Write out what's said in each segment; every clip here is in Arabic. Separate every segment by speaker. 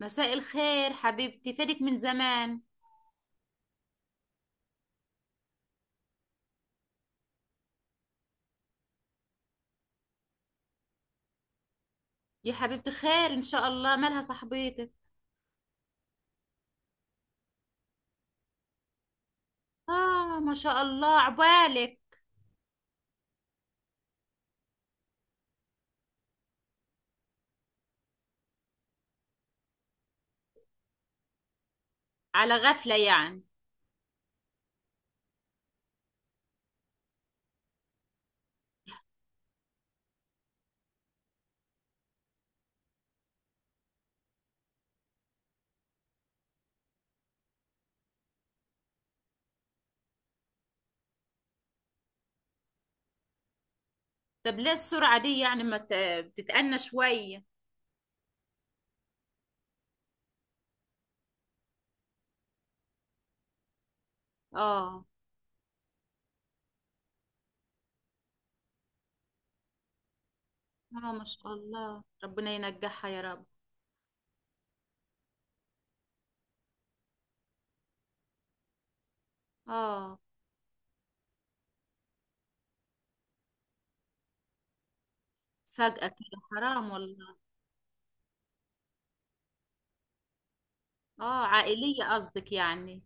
Speaker 1: مساء الخير حبيبتي، فينك من زمان؟ يا حبيبتي، خير ان شاء الله، مالها صاحبتك؟ اه، ما شاء الله عبالك. على غفلة يعني. طب ليه السرعة دي؟ يعني ما ت- بتتأنى شوية. اه. اه، ما شاء الله، ربنا ينجحها يا رب. اه. فجأة كده، حرام والله. اه، عائلية قصدك يعني.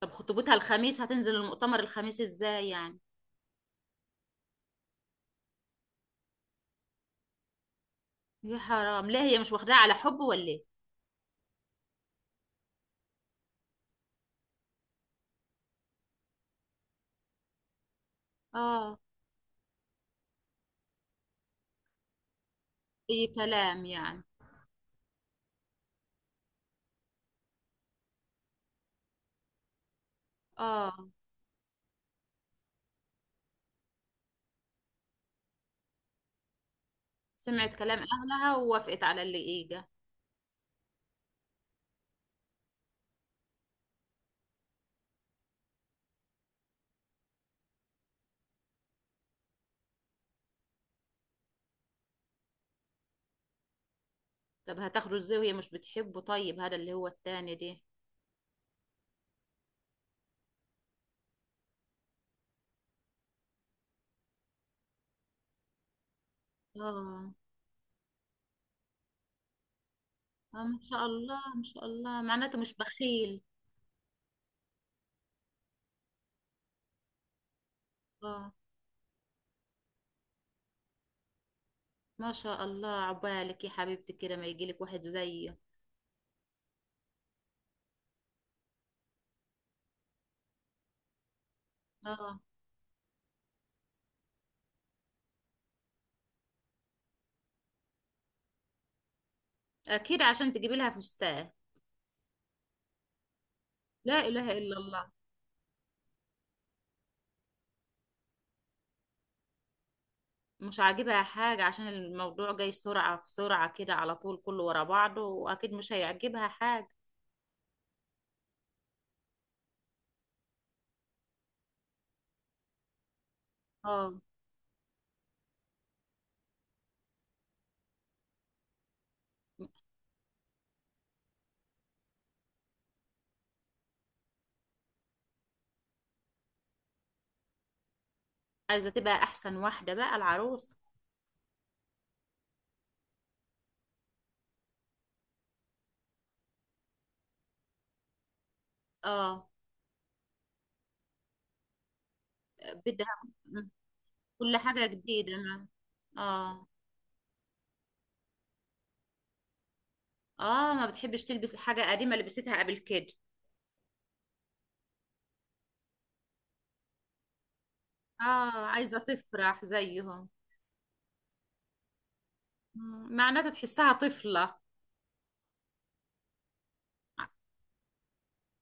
Speaker 1: طب خطوبتها الخميس، هتنزل المؤتمر الخميس ازاي يعني؟ يا حرام، ليه هي مش واخداها على حب ولا ايه؟ اه، اي كلام يعني. اه. سمعت كلام أهلها ووافقت على اللي إيجا. طب هتاخده ازاي وهي مش بتحبه؟ طيب هذا اللي هو التاني دي. اه. اه، ما شاء الله ما شاء الله، معناته مش بخيل. اه. ما شاء الله عبالك يا حبيبتي، كده ما يجيلك واحد زيه. اه. اكيد عشان تجيبي لها فستان. لا اله الا الله. مش عاجبها حاجة عشان الموضوع جاي سرعة في سرعة كده، على طول كله ورا بعضه، واكيد مش هيعجبها حاجة. اه، عايزة تبقى احسن واحدة بقى العروس. اه، بدها كل حاجة جديدة ما. اه. اه، ما بتحبش تلبس حاجة قديمة لبستها قبل كده. اه، عايزة تفرح زيهم. معناتها تحسها طفلة. ع-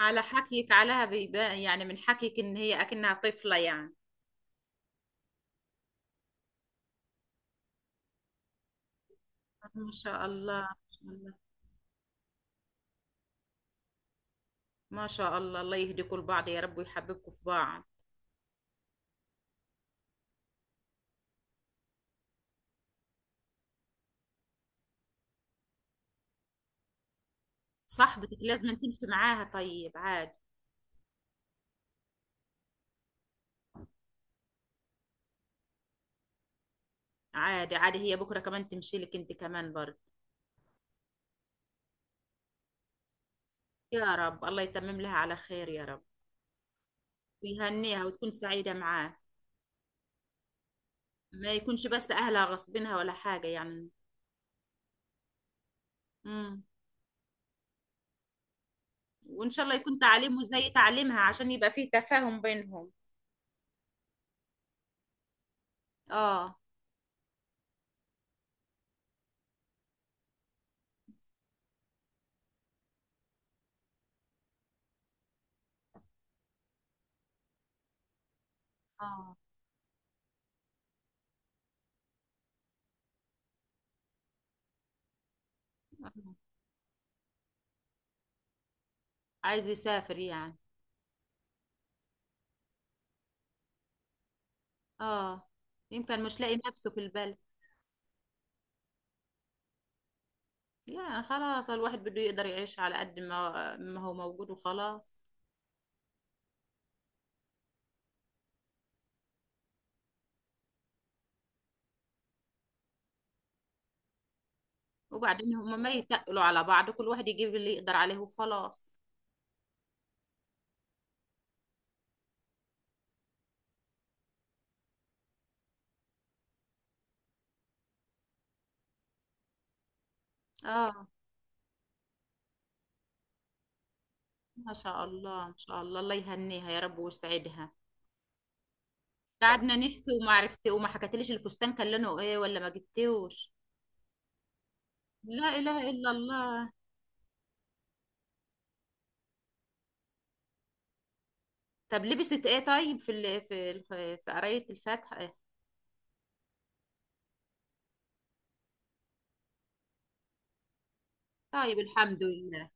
Speaker 1: على حكيك عليها بيبان، يعني من حكيك ان هي اكنها طفلة يعني. ما شاء الله ما شاء الله. ما شاء الله، الله يهديكوا لبعض يا رب، ويحببكوا في بعض. صاحبتك لازم تمشي معاها، طيب عادي. عادي، عادي هي بكرة كمان تمشي لك انت كمان برضه. يا رب، الله يتمم لها على خير يا رب. ويهنيها وتكون سعيدة معاه. ما يكونش بس اهلها غصبينها ولا حاجة يعني. امم. وان شاء الله يكون تعليمه زي تعليمها عشان يبقى فيه تفاهم بينهم. اه. اه. آه. عايز يسافر يعني. اه. يمكن مش لاقي نفسه في البلد. يعني خلاص، الواحد بده يقدر يعيش على قد ما ما هو موجود وخلاص. وبعدين هما ما يتقلوا على بعض، كل واحد يجيب اللي يقدر عليه وخلاص. اه، ما شاء الله ما شاء الله، الله يهنيها يا رب ويسعدها. قعدنا نحكي وما عرفت إيه، وما حكتليش الفستان كان لونه ايه ولا ما جبتوش. لا اله الا الله. طب لبست ايه طيب؟ في قرايه الفاتحه إيه؟ طيب الحمد لله.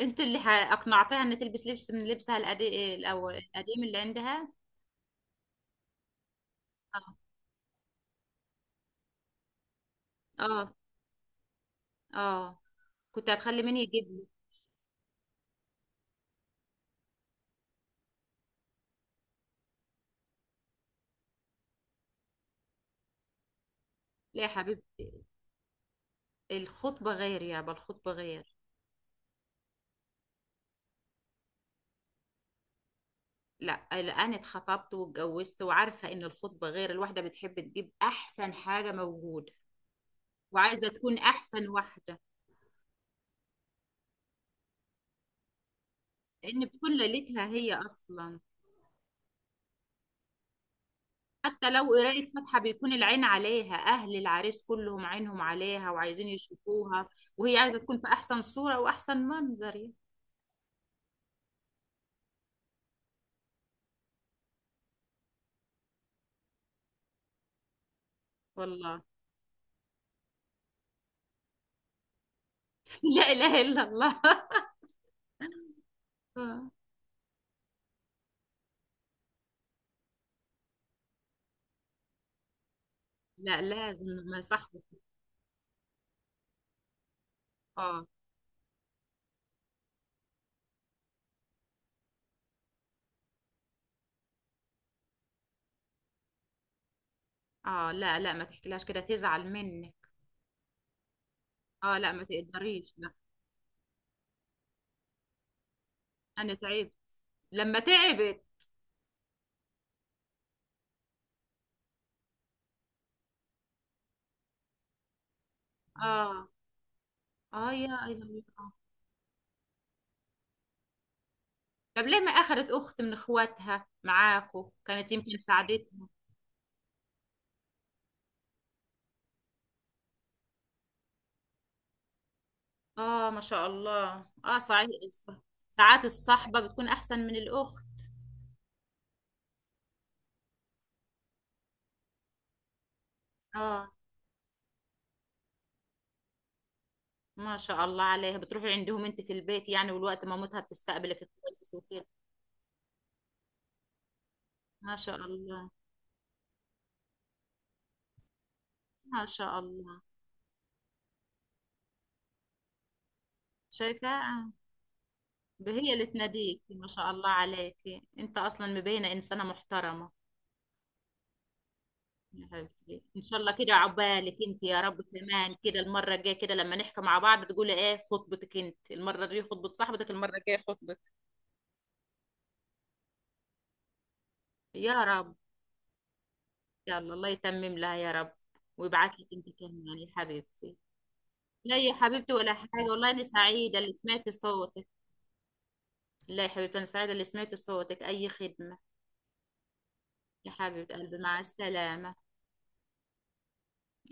Speaker 1: انت اللي اقنعتها ان تلبس لبس من لبسها القديم، الاول القديم اللي عندها. اه. اه. اه. كنت هتخلي مين يجيب لي؟ لا يا حبيبي، الخطبه غير يابا، الخطبه غير. لا لا، انا اتخطبت واتجوزت، وعارفه ان الخطبه غير، الواحده بتحب تجيب احسن حاجه موجوده. وعايزة تكون أحسن واحدة. لأن بتكون ليلتها هي أصلا. حتى لو قراية فاتحة، بيكون العين عليها، أهل العريس كلهم عينهم عليها وعايزين يشوفوها. وهي عايزة تكون في أحسن صورة وأحسن منظر يعني. والله. لا إله إلا الله آه. لا لازم، ما صاحبك. اه. اه. لا لا، ما تحكيلهاش كده تزعل منك. اه، لا ما تقدريش، لا. أنا تعبت لما تعبت. اه. اه، يا الله. طب ليه ما أخذت أخت من إخواتها معاكو؟ كانت يمكن ساعدتها. آه، ما شاء الله، آه صحيح. ساعات الصحبة بتكون أحسن من الأخت. آه، ما شاء الله عليها، بتروحي عندهم أنت في البيت يعني، والوقت مامتها بتستقبلك. كويس وكده. ما شاء الله ما شاء الله. شايفة؟ آه. هي اللي تناديك، ما شاء الله عليك. أنت أصلا مبينة إنسانة محترمة. يا حبيبتي، ان شاء الله كده عقبالك انت يا رب كمان، كده المره الجايه كده لما نحكي مع بعض تقولي ايه، خطبتك انت، المره دي خطبه صاحبتك، المره الجايه خطبتك. يا رب. يلا، الله يتمم لها يا رب. ويبعت لك انت كمان يا حبيبتي. لا يا حبيبتي، ولا حاجه والله، انا سعيده اللي سمعت صوتك. لا يا حبيبتي، انا سعيده اللي سمعت صوتك، اي خدمه. يا حبيبه قلبي، مع السلامه.